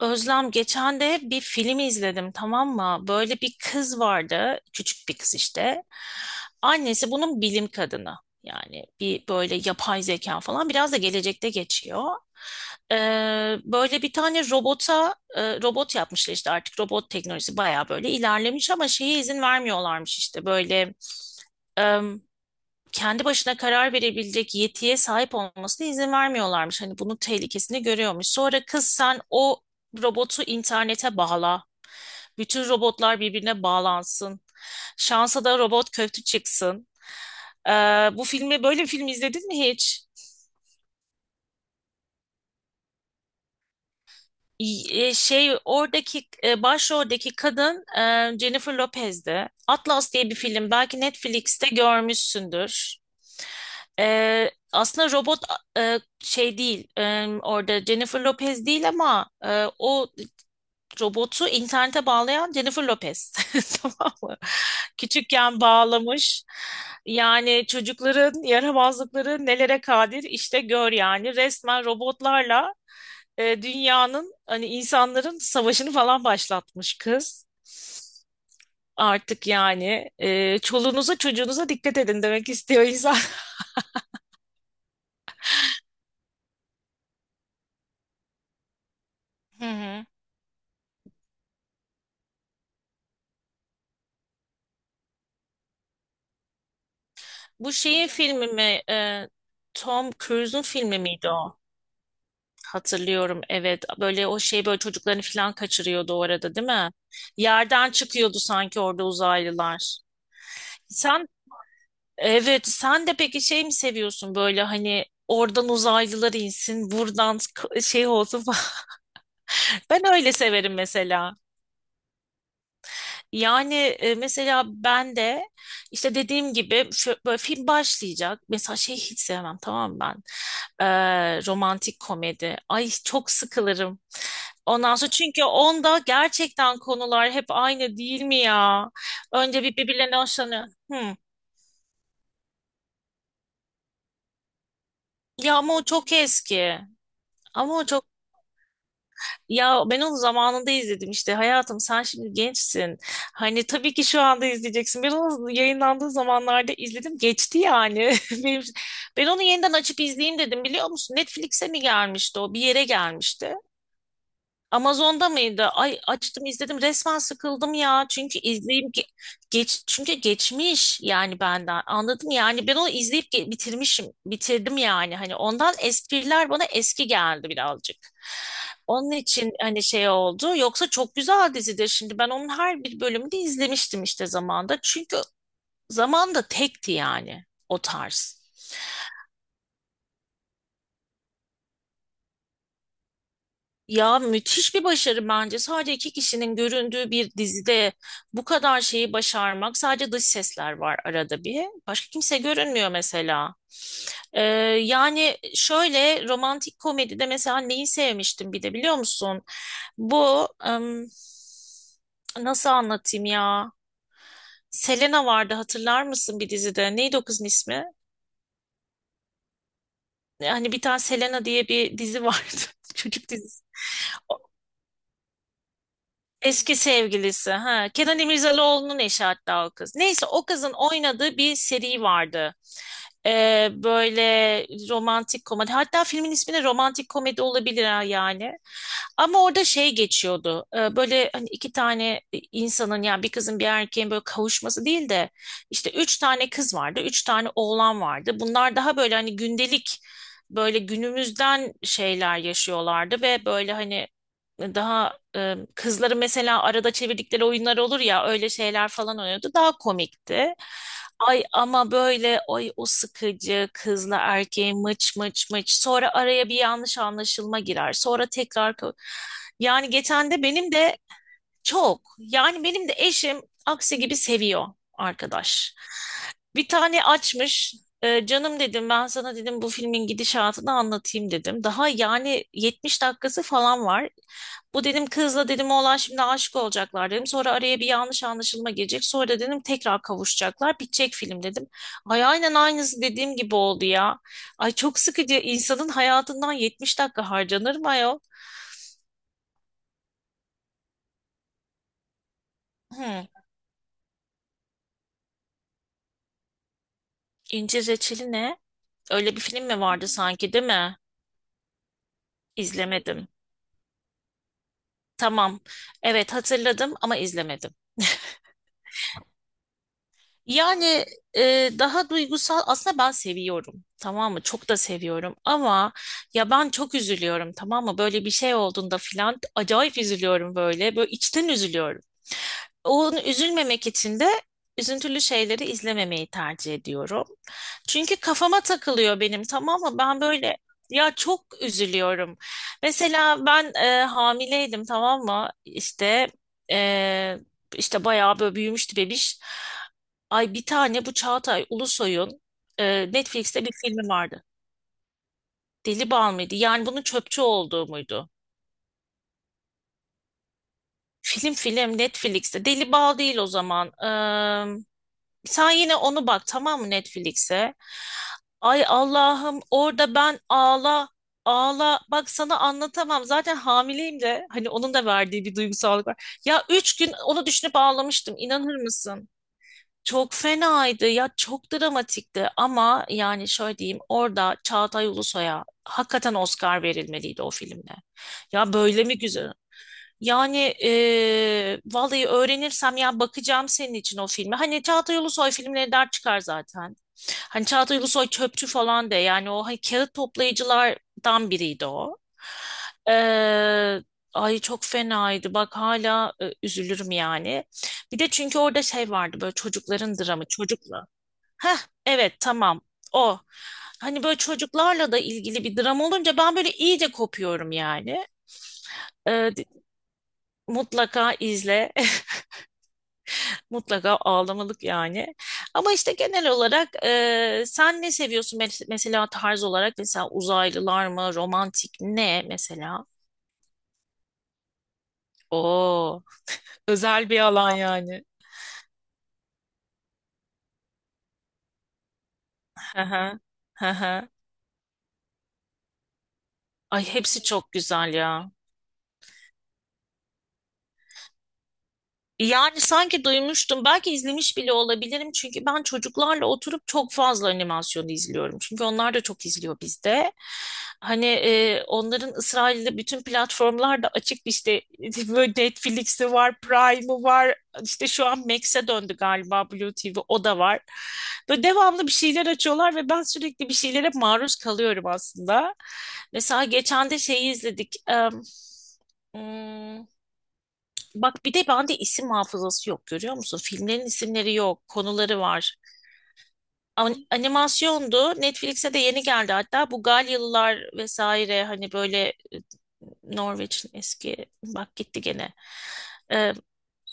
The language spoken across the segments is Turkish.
Özlem geçen de bir film izledim, tamam mı? Böyle bir kız vardı, küçük bir kız işte. Annesi bunun bilim kadını. Yani bir böyle yapay zeka falan, biraz da gelecekte geçiyor. Böyle bir tane robot yapmışlar işte, artık robot teknolojisi bayağı böyle ilerlemiş ama şeye izin vermiyorlarmış, işte böyle kendi başına karar verebilecek yetiye sahip olmasına izin vermiyorlarmış. Hani bunun tehlikesini görüyormuş. Sonra kız, sen o robotu internete bağla. Bütün robotlar birbirine bağlansın. Şansa da robot kötü çıksın. Ee, bu filmi, böyle bir film izledin mi hiç? Şey, oradaki başroldeki kadın Jennifer Lopez'di. Atlas diye bir film, belki Netflix'te görmüşsündür. Aslında robot şey değil, orada Jennifer Lopez değil, ama o robotu internete bağlayan Jennifer Lopez. Tamam mı? Küçükken bağlamış. Yani çocukların yaramazlıkları nelere kadir, işte gör yani, resmen robotlarla dünyanın, hani insanların savaşını falan başlatmış kız. Artık yani, çoluğunuza çocuğunuza dikkat edin demek istiyor insan. Hı hı. Bu şeyin filmi mi? Tom Cruise'un filmi miydi o? Hatırlıyorum, evet. Böyle, o şey, böyle çocuklarını falan kaçırıyordu o arada, değil mi? Yerden çıkıyordu sanki orada uzaylılar. Sen, evet sen de peki şey mi seviyorsun, böyle hani oradan uzaylılar insin, buradan şey olsun. Ben öyle severim mesela. Yani, mesela ben de işte dediğim gibi, böyle film başlayacak. Mesela şey hiç sevmem, tamam mı ben. Romantik komedi. Ay, çok sıkılırım. Ondan sonra, çünkü onda gerçekten konular hep aynı, değil mi ya? Önce bir, birbirlerine hoşlanıyor. Hmm. Ya ama o çok eski. Ama o çok. Ya, ben onu zamanında izledim işte, hayatım, sen şimdi gençsin. Hani tabii ki şu anda izleyeceksin. Ben onu yayınlandığı zamanlarda izledim, geçti yani. Benim, ben onu yeniden açıp izleyeyim dedim, biliyor musun? Netflix'e mi gelmişti, o bir yere gelmişti. Amazon'da mıydı? Ay, açtım izledim, resmen sıkıldım ya. Çünkü izleyip geç, çünkü geçmiş yani benden. Anladım yani, ben onu izleyip bitirmişim. Bitirdim yani. Hani ondan espriler bana eski geldi birazcık. Onun için hani şey oldu. Yoksa çok güzel dizidir. Şimdi ben onun her bir bölümünü izlemiştim işte zamanda. Çünkü zamanda tekti yani o tarz. Ya, müthiş bir başarı bence. Sadece iki kişinin göründüğü bir dizide bu kadar şeyi başarmak. Sadece dış sesler var arada bir. Başka kimse görünmüyor mesela. Ee, yani şöyle, romantik komedide mesela neyi sevmiştim bir de, biliyor musun? Bu nasıl anlatayım ya? Selena vardı, hatırlar mısın, bir dizide? Neydi o kızın ismi? Hani bir tane Selena diye bir dizi vardı. Çocuk dizisi. Eski sevgilisi. Ha. Kenan İmirzalıoğlu'nun eşi hatta o kız. Neyse, o kızın oynadığı bir seri vardı. Böyle romantik komedi. Hatta filmin ismi de romantik komedi olabilir ha, yani. Ama orada şey geçiyordu. Böyle hani, iki tane insanın, yani bir kızın bir erkeğin böyle kavuşması değil de, işte üç tane kız vardı, üç tane oğlan vardı. Bunlar daha böyle hani gündelik, böyle günümüzden şeyler yaşıyorlardı ve böyle hani, daha kızların mesela arada çevirdikleri oyunlar olur ya, öyle şeyler falan oynuyordu. Daha komikti. Ay, ama böyle, ay, o sıkıcı kızla erkeği mıç mıç mıç, sonra araya bir yanlış anlaşılma girer. Sonra tekrar yani, geçen de benim de çok. Yani benim de eşim aksi gibi seviyor, arkadaş. Bir tane açmış. Canım dedim, ben sana dedim bu filmin gidişatını anlatayım dedim. Daha yani 70 dakikası falan var. Bu dedim, kızla dedim oğlan şimdi aşık olacaklar dedim. Sonra araya bir yanlış anlaşılma gelecek. Sonra dedim tekrar kavuşacaklar. Bitecek film dedim. Ay, aynen aynısı dediğim gibi oldu ya. Ay, çok sıkıcı. İnsanın hayatından 70 dakika harcanır mı ayol? Hmm, incir reçeli ne? Öyle bir film mi vardı sanki, değil mi? İzlemedim. Tamam. Evet, hatırladım ama izlemedim. Yani daha duygusal aslında ben seviyorum. Tamam mı? Çok da seviyorum ama, ya, ben çok üzülüyorum tamam mı? Böyle bir şey olduğunda filan acayip üzülüyorum böyle. Böyle içten üzülüyorum. Onu üzülmemek için de üzüntülü şeyleri izlememeyi tercih ediyorum. Çünkü kafama takılıyor benim, tamam mı? Ben böyle, ya, çok üzülüyorum. Mesela ben hamileydim, tamam mı? E, işte bayağı böyle büyümüştü bebiş. Ay, bir tane bu Çağatay Ulusoy'un Netflix'te bir filmi vardı. Deli Bal mıydı? Yani bunun çöpçü olduğu muydu? Film, Netflix'te. Deli Bal değil o zaman. Sen yine onu bak, tamam mı, Netflix'e? Ay, Allah'ım, orada ben ağla ağla, bak sana anlatamam, zaten hamileyim de hani onun da verdiği bir duygusallık var. Ya, 3 gün onu düşünüp ağlamıştım, inanır mısın? Çok fenaydı ya, çok dramatikti, ama yani şöyle diyeyim, orada Çağatay Ulusoy'a hakikaten Oscar verilmeliydi o filmde. Ya böyle mi güzel? Yani vallahi öğrenirsem, ya, bakacağım senin için o filmi. Hani Çağatay Ulusoy filmleri der çıkar zaten. Hani Çağatay Ulusoy çöpçü falan de, yani o hani kağıt toplayıcılardan biriydi o. Eee, ay, çok fenaydı. Bak, hala üzülürüm yani. Bir de çünkü orada şey vardı, böyle çocukların dramı, çocukla. Heh, evet, tamam, o. Hani böyle çocuklarla da ilgili bir dram olunca ben böyle iyice kopuyorum yani. Mutlaka izle. Mutlaka ağlamalık yani. Ama işte genel olarak, sen ne seviyorsun mesela, tarz olarak? Mesela uzaylılar mı? Romantik ne mesela? Oo, özel bir alan yani. Hı hı. Hı hı. Ay, hepsi çok güzel ya. Yani, sanki duymuştum. Belki izlemiş bile olabilirim. Çünkü ben çocuklarla oturup çok fazla animasyon izliyorum. Çünkü onlar da çok izliyor bizde. Hani, onların İsrail'de bütün platformlar da açık. İşte, böyle Netflix'i var, Prime'ı var. İşte şu an Max'e döndü galiba Blue TV. O da var. Böyle devamlı bir şeyler açıyorlar ve ben sürekli bir şeylere maruz kalıyorum aslında. Mesela geçen de şeyi izledik. Hmm, Bak, bir de bende isim hafızası yok, görüyor musun? Filmlerin isimleri yok, konuları var. Animasyondu. Netflix'e de yeni geldi hatta. Bu Galyalılar vesaire, hani böyle Norveç'in eski, bak gitti gene. Ee,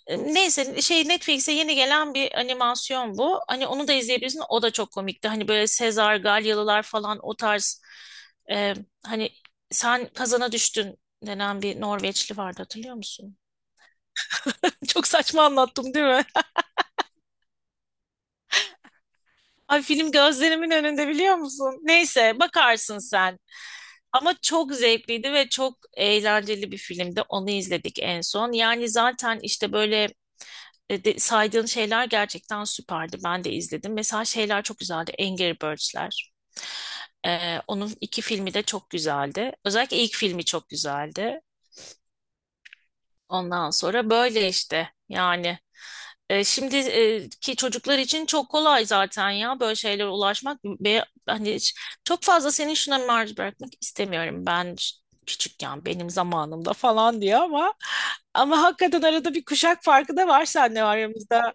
neyse, şey, Netflix'e yeni gelen bir animasyon bu. Hani onu da izleyebilirsin. O da çok komikti. Hani böyle Sezar, Galyalılar falan, o tarz e, hani sen kazana düştün denen bir Norveçli vardı, hatırlıyor musun? Çok saçma anlattım değil mi? Ay, film gözlerimin önünde, biliyor musun? Neyse, bakarsın sen. Ama çok zevkliydi ve çok eğlenceli bir filmdi. Onu izledik en son. Yani zaten işte böyle saydığın şeyler gerçekten süperdi. Ben de izledim. Mesela şeyler çok güzeldi. Angry Birds'ler. Onun iki filmi de çok güzeldi. Özellikle ilk filmi çok güzeldi. Ondan sonra böyle işte, yani. Şimdi, ki çocuklar için çok kolay zaten ya böyle şeylere ulaşmak ve hani çok fazla senin şuna maruz bırakmak istemiyorum ben, küçükken benim zamanımda falan diyor ama hakikaten arada bir kuşak farkı da var seninle aramızda.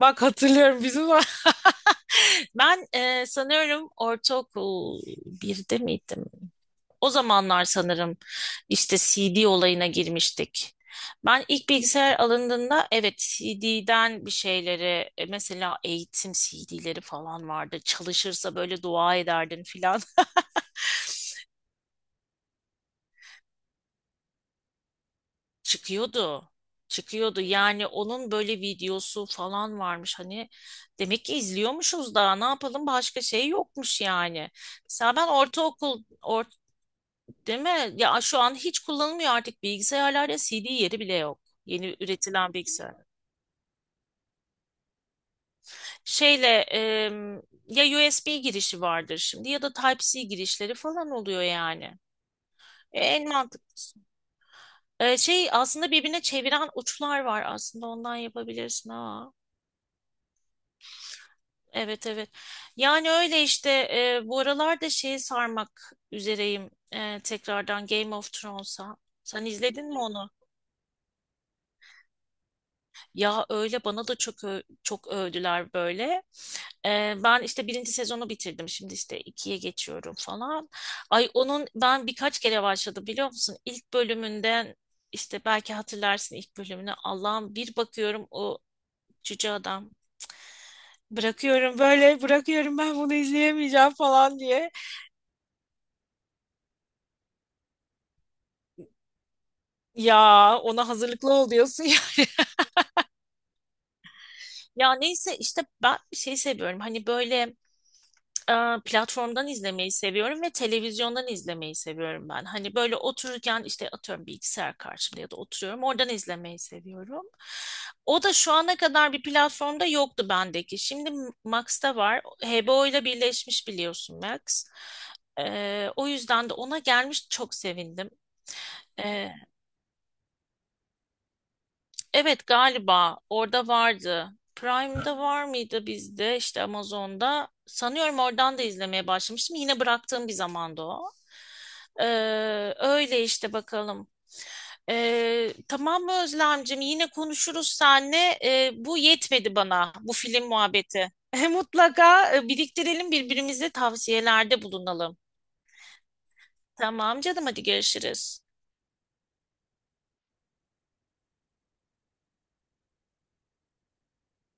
Bak hatırlıyorum bizim ben, sanıyorum ortaokul birde miydim? O zamanlar sanırım, işte CD olayına girmiştik. Ben ilk bilgisayar alındığında, evet, CD'den bir şeyleri, mesela eğitim CD'leri falan vardı. Çalışırsa böyle dua ederdin filan. Çıkıyordu. Çıkıyordu. Yani onun böyle videosu falan varmış. Hani demek ki izliyormuşuz, daha ne yapalım, başka şey yokmuş yani. Mesela ben ortaokul değil mi? Ya şu an hiç kullanılmıyor artık, bilgisayarlarda CD yeri bile yok. Yeni üretilen bilgisayar. Şeyle, ya USB girişi vardır şimdi, ya da Type-C girişleri falan oluyor yani. En mantıklı. Şey aslında birbirine çeviren uçlar var aslında, ondan yapabilirsin ha. Evet, evet. Yani öyle işte, bu aralar da şeyi sarmak üzereyim, tekrardan Game of Thrones'a. Sen izledin mi onu? Ya, öyle, bana da çok çok övdüler böyle. Ben işte birinci sezonu bitirdim. Şimdi işte ikiye geçiyorum falan. Ay, onun ben birkaç kere başladım, biliyor musun? İlk bölümünden, işte belki hatırlarsın ilk bölümünü. Allah'ım, bir bakıyorum o cüce adam. Bırakıyorum, böyle bırakıyorum, ben bunu izleyemeyeceğim falan diye. Ya, ona hazırlıklı ol diyorsun ya. Ya neyse, işte ben şey seviyorum. Hani böyle e, platformdan izlemeyi seviyorum ve televizyondan izlemeyi seviyorum ben. Hani böyle otururken işte, atıyorum bilgisayar karşımda ya da oturuyorum, oradan izlemeyi seviyorum. O da şu ana kadar bir platformda yoktu bendeki. Şimdi Max'ta var. HBO ile birleşmiş, biliyorsun, Max. O yüzden de ona gelmiş çok sevindim. Evet, galiba orada vardı. Prime'da var mıydı bizde, işte Amazon'da? Sanıyorum oradan da izlemeye başlamıştım. Yine bıraktığım bir zamanda o. Öyle işte, bakalım. Tamam mı Özlemcim? Yine konuşuruz seninle. Bu yetmedi bana bu film muhabbeti. Mutlaka biriktirelim, birbirimize tavsiyelerde bulunalım. Tamam canım, hadi görüşürüz.